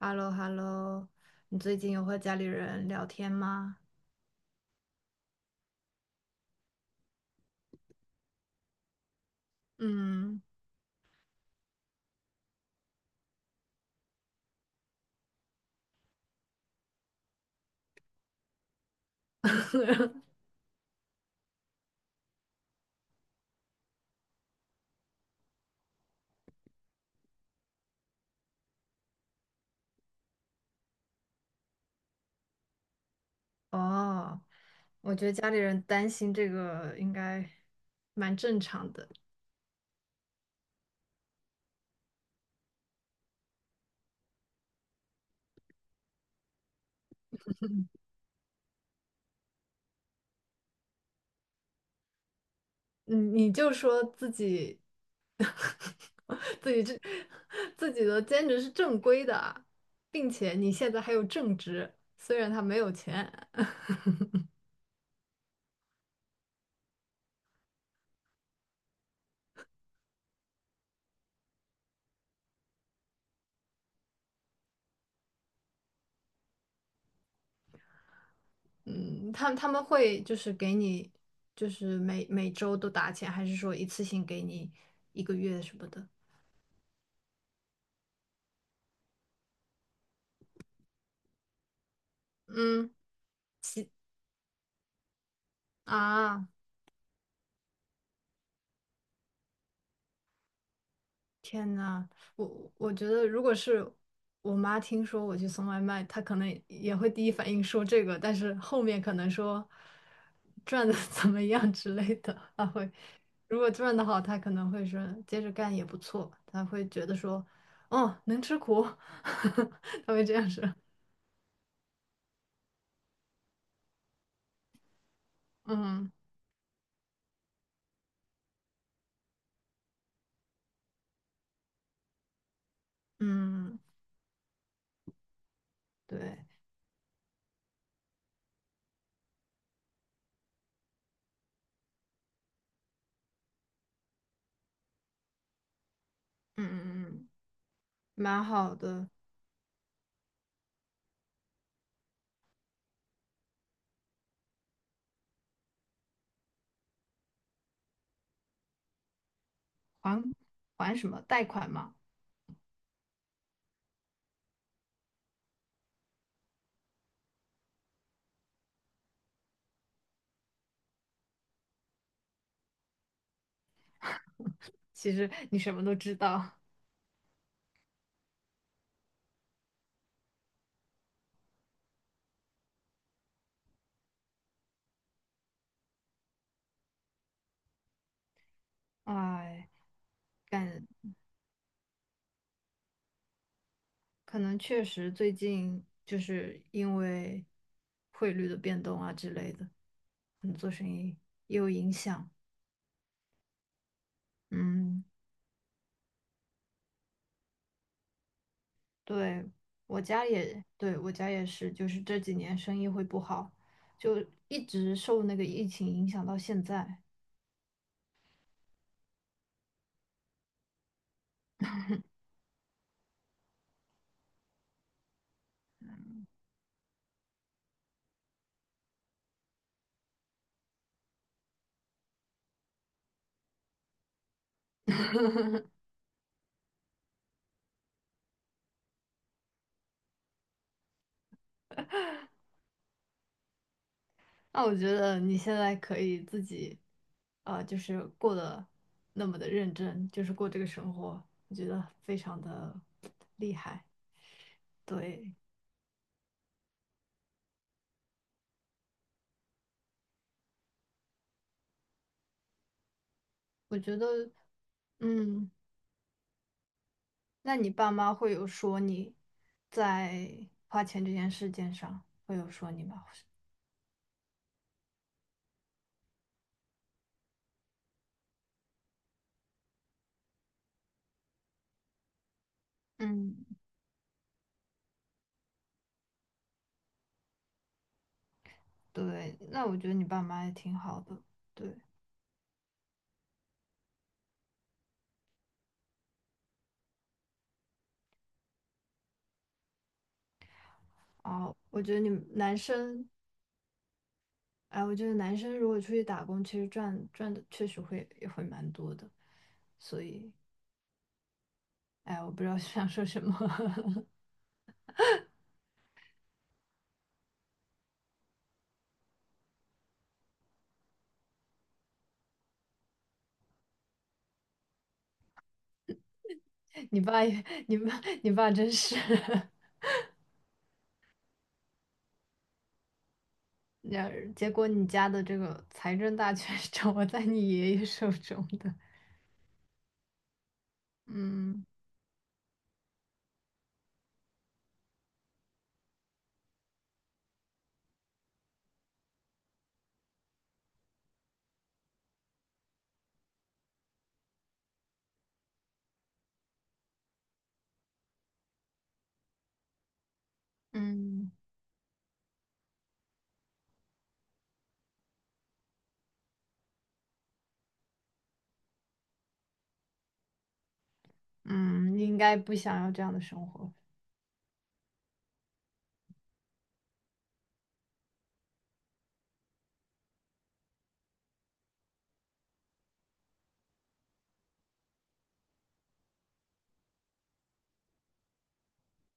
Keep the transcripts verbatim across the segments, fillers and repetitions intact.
h e l l o h e l l o 你最近有和家里人聊天吗？嗯。哦，我觉得家里人担心这个应该蛮正常的。嗯，你就说自己 自己这 自己的兼职是正规的，并且你现在还有正职，虽然他没有钱。嗯，他他们会就是给你就是每每周都打钱，还是说一次性给你一个月什么的？嗯。啊，天呐，我我觉得如果是我妈听说我去送外卖，她可能也会第一反应说这个，但是后面可能说赚的 怎么样之类的，她会，如果赚的好，她可能会说接着干也不错，她会觉得说，哦，能吃苦，她会这样说。嗯嗯，对。嗯嗯嗯，蛮好的。还还什么贷款嘛？其实你什么都知道。哎。感可能确实最近就是因为汇率的变动啊之类的，可能做生意也有影响。嗯，对，我家也，对，我家也是，就是这几年生意会不好，就一直受那个疫情影响到现在。那我觉得你现在可以自己，呃，就是过得那么的认真，就是过这个生活，我觉得非常的厉害。对，我觉得，嗯。那你爸妈会有说你在花钱这件事件上会有说你吗？嗯，对，那我觉得你爸妈也挺好的。对，哦，我觉得你们男生，哎，我觉得男生如果出去打工，其实赚赚的确实会也会蛮多的。所以，哎，我不知道 想说什么。你爸也，你爸，你爸真是。 那结果你家的这个财政大权 是掌握在你爷爷手中的。嗯嗯。嗯，应该不想要这样的生活。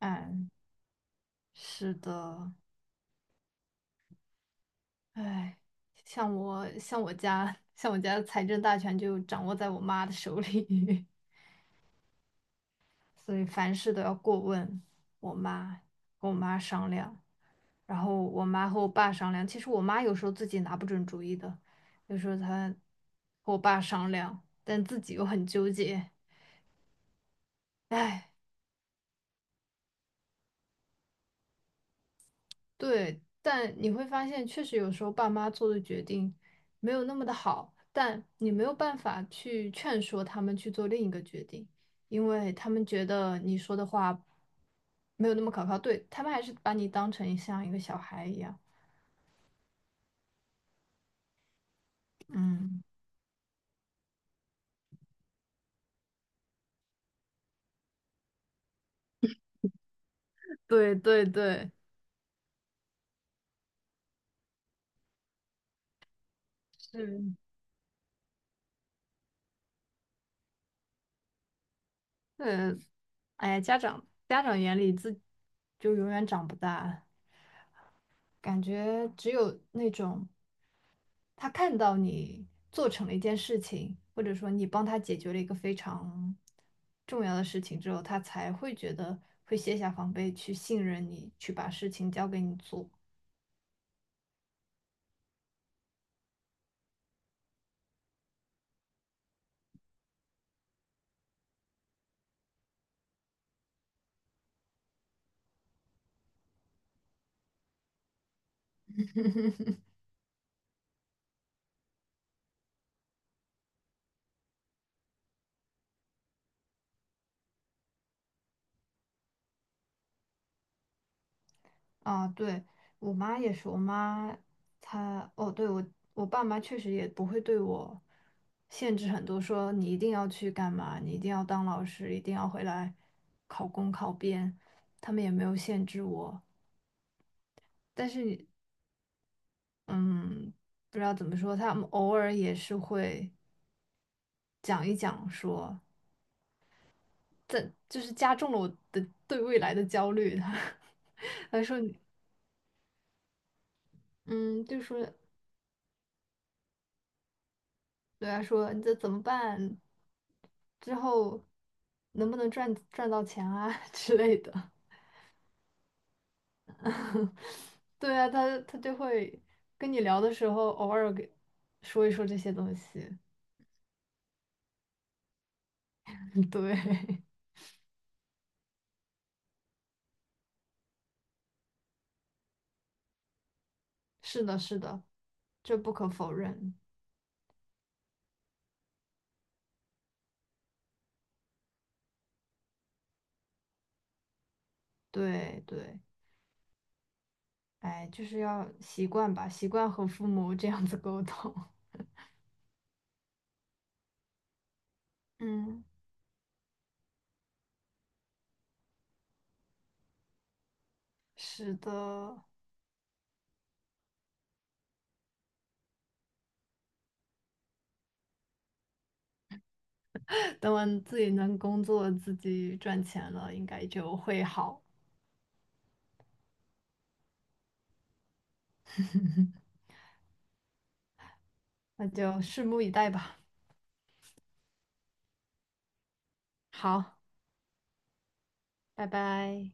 嗯，是的，哎，像我像我家像我家的财政大权就掌握在我妈的手里，所以凡事都要过问我妈，跟我妈商量，然后我妈和我爸商量。其实我妈有时候自己拿不准主意的，有时候她和我爸商量，但自己又很纠结。哎。对，但你会发现，确实有时候爸妈做的决定没有那么的好，但你没有办法去劝说他们去做另一个决定，因为他们觉得你说的话没有那么可靠，对，他们还是把你当成像一个小孩一样。嗯，对对对。是。呃，哎呀，家长家长眼里自就永远长不大，感觉只有那种。他看到你做成了一件事情，或者说你帮他解决了一个非常重要的事情之后，他才会觉得会卸下防备，去信任你，去把事情交给你做。啊，对，我妈也是，我妈她哦，对我我爸妈确实也不会对我限制很多，说你一定要去干嘛，你一定要当老师，一定要回来考公考编，他们也没有限制我。但是嗯，不知道怎么说，他们偶尔也是会讲一讲说，这就是加重了我的对未来的焦虑。他他说你，嗯，就说对他说你这怎么办？之后能不能赚赚到钱啊 之类的？对啊，他他就会跟你聊的时候，偶尔给说一说这些东西。对。是的，是的，这不可否认。对对。哎，就是要习惯吧，习惯和父母这样子沟通。嗯，是的，等我自己能工作、自己赚钱了，应该就会好。那就拭目以待吧。好，拜拜。